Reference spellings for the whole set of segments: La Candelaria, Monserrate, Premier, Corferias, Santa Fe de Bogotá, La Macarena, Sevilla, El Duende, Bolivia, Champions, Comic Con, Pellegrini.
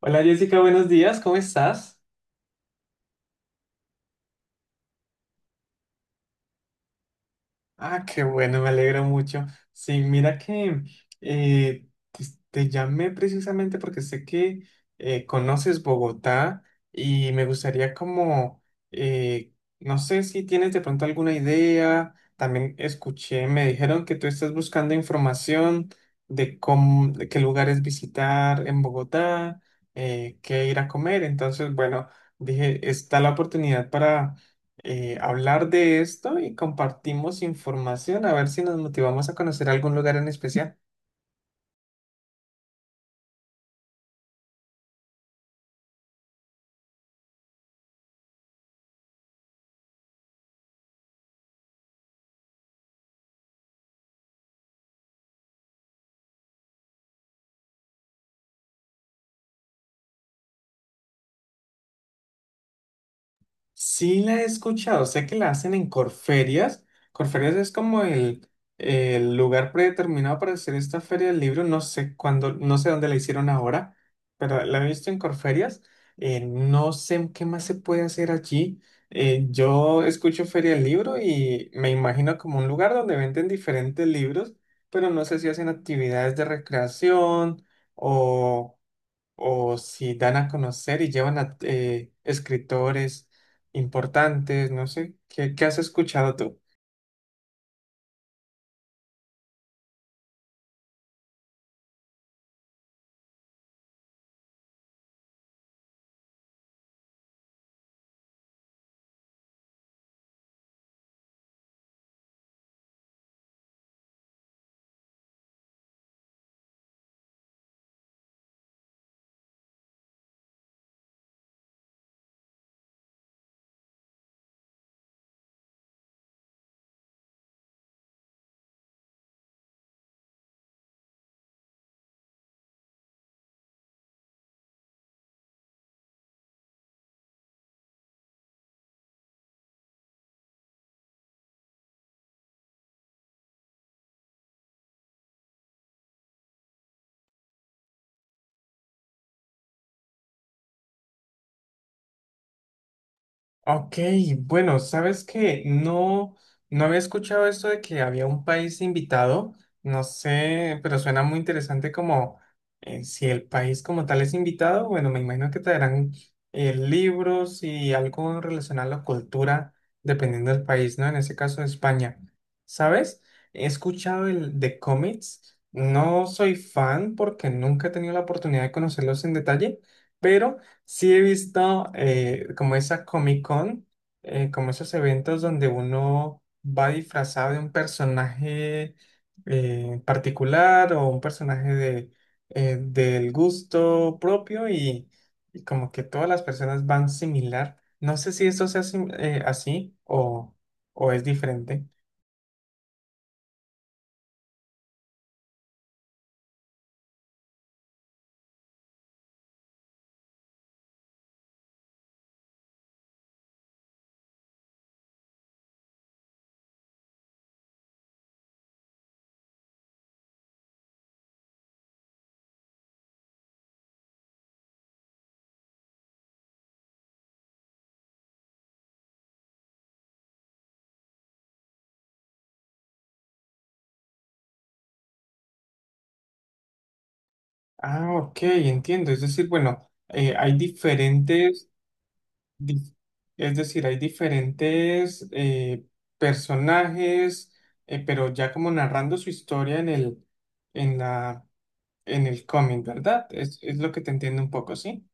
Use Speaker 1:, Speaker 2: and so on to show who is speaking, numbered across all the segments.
Speaker 1: Hola Jessica, buenos días, ¿cómo estás? Ah, qué bueno, me alegro mucho. Sí, mira que eh, te, te llamé precisamente porque sé que conoces Bogotá y me gustaría como, eh, no sé si tienes de pronto alguna idea, también escuché, me dijeron que tú estás buscando información de cómo, de qué lugares visitar en Bogotá, qué ir a comer, entonces bueno, dije, está la oportunidad para hablar de esto y compartimos información, a ver si nos motivamos a conocer algún lugar en especial. Sí la he escuchado, sé que la hacen en Corferias. Corferias es como el lugar predeterminado para hacer esta feria del libro. No sé cuándo, no sé dónde la hicieron ahora, pero la he visto en Corferias. No sé qué más se puede hacer allí. Yo escucho feria del libro y me imagino como un lugar donde venden diferentes libros, pero no sé si hacen actividades de recreación o o si dan a conocer y llevan a escritores importantes, no sé, ¿qué has escuchado tú? Ok, bueno, sabes que no, no había escuchado esto de que había un país invitado, no sé, pero suena muy interesante como si el país como tal es invitado, bueno, me imagino que traerán libros y algo relacionado a la cultura, dependiendo del país, ¿no? En ese caso, España. ¿Sabes? He escuchado el de cómics, no soy fan porque nunca he tenido la oportunidad de conocerlos en detalle, pero sí he visto como esa Comic Con, como esos eventos donde uno va disfrazado de un personaje particular o un personaje del gusto propio y como que todas las personas van similar. No sé si esto sea así o es diferente. Ah, ok, entiendo. Es decir, bueno, hay diferentes Dif- es decir, hay diferentes personajes, pero ya como narrando su historia en la, en el cómic, ¿verdad? Es lo que te entiendo un poco, ¿sí?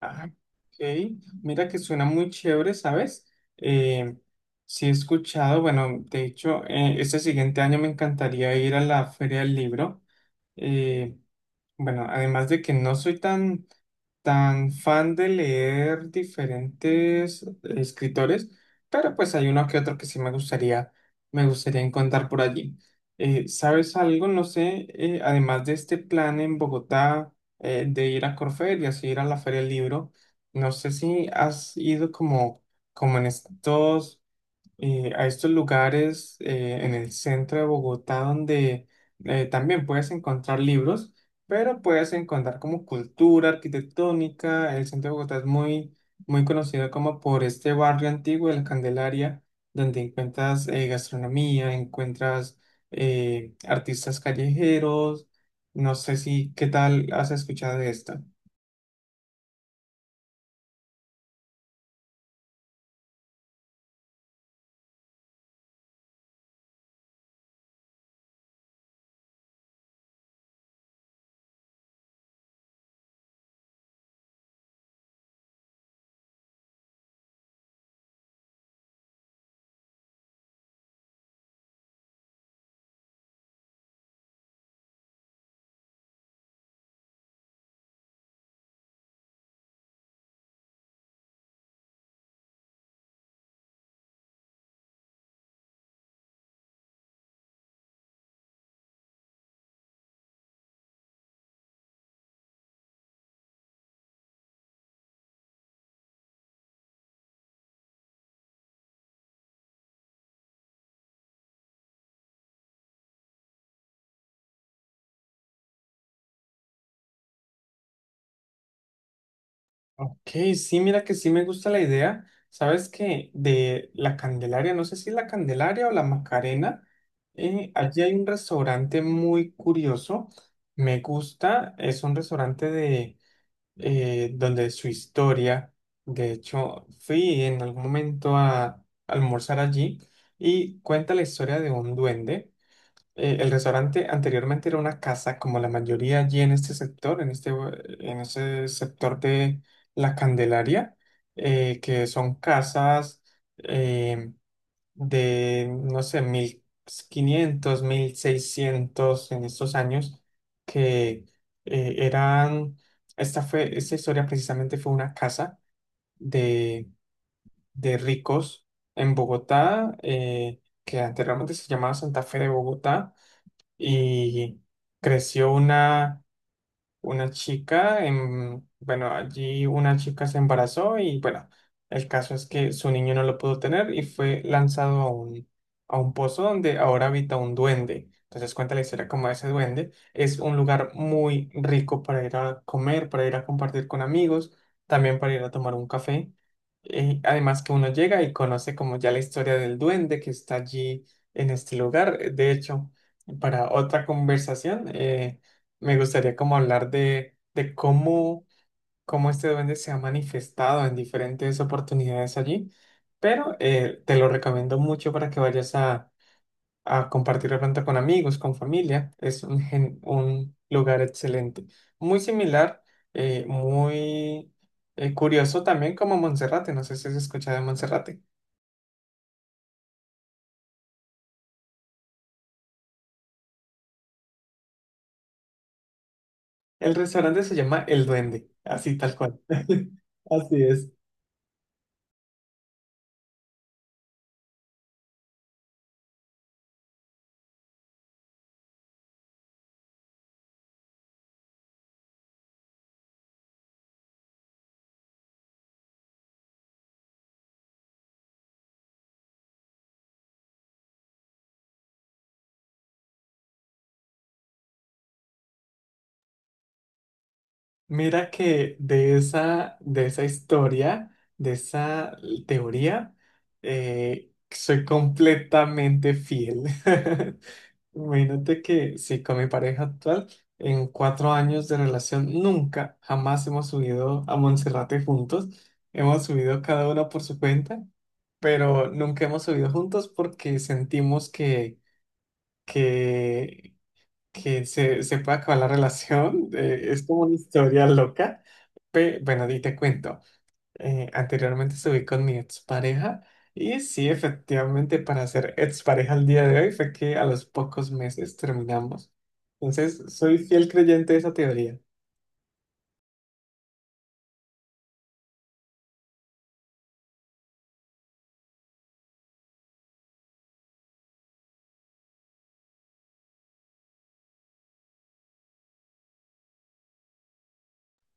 Speaker 1: Ah, ok. Mira que suena muy chévere, ¿sabes? Eh, sí he escuchado, bueno, de hecho, este siguiente año me encantaría ir a la Feria del Libro. Eh, Bueno, además de que no soy tan fan de leer diferentes escritores, pero pues hay uno que otro que sí me gustaría encontrar por allí. ¿Sabes algo? No sé, además de este plan en Bogotá de ir a Corferias, ir a la Feria del Libro, no sé si has ido como en estos a estos lugares en el centro de Bogotá donde también puedes encontrar libros, pero puedes encontrar como cultura arquitectónica. El centro de Bogotá es muy, muy conocido como por este barrio antiguo de la Candelaria, donde encuentras gastronomía, encuentras artistas callejeros. No sé si, ¿Qué tal has escuchado de esto? Ok, sí, mira que sí me gusta la idea. Sabes que de la Candelaria, no sé si la Candelaria o la Macarena, allí hay un restaurante muy curioso. Me gusta, es un restaurante de donde su historia. De hecho, fui en algún momento a almorzar allí y cuenta la historia de un duende. El restaurante anteriormente era una casa, como la mayoría allí en este sector, en ese sector de La Candelaria, que son casas eh, de, no sé, 1500 1600 en estos años, que eran, esta fue, esta historia precisamente fue una casa de, de ricos en Bogotá, que anteriormente se llamaba Santa Fe de Bogotá, y creció una chica, bueno, allí una chica se embarazó y bueno, el caso es que su niño no lo pudo tener y fue lanzado a un pozo donde ahora habita un duende. Entonces cuenta la historia como ese duende. Es un lugar muy rico para ir a comer, para ir a compartir con amigos, también para ir a tomar un café. Además que uno llega y conoce como ya la historia del duende que está allí en este lugar. De hecho, para otra conversación, me gustaría como hablar de cómo este duende se ha manifestado en diferentes oportunidades allí, pero te lo recomiendo mucho para que vayas a compartir de pronto con amigos, con familia. Es un lugar excelente, muy similar, muy curioso también como Monserrate, no sé si has escuchado de Monserrate. El restaurante se llama El Duende, así tal cual. Así es. Mira que de esa historia, de esa teoría, soy completamente fiel. Imagínate que sí, con mi pareja actual, en 4 años de relación, nunca, jamás hemos subido a Monserrate juntos. Hemos subido cada uno por su cuenta, pero nunca hemos subido juntos porque sentimos que que se, se puede acabar la relación. Es como una historia loca. Bueno, y te cuento. Anteriormente estuve con mi expareja y sí, efectivamente, para ser expareja al día de hoy fue que a los pocos meses terminamos. Entonces, soy fiel creyente de esa teoría.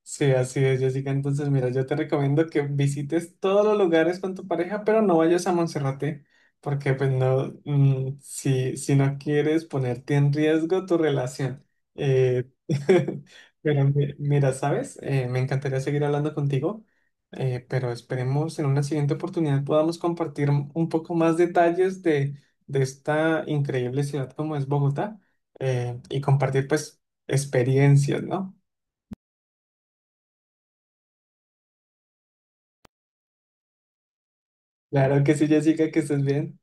Speaker 1: Sí, así es, Jessica. Entonces, mira, yo te recomiendo que visites todos los lugares con tu pareja, pero no vayas a Monserrate, porque pues no, si, si no quieres ponerte en riesgo tu relación. Eh, pero mira, ¿sabes? Me encantaría seguir hablando contigo, pero esperemos en una siguiente oportunidad podamos compartir un poco más detalles de esta increíble ciudad como es Bogotá, y compartir pues experiencias, ¿no? Claro que sí, Jessica, que estés bien.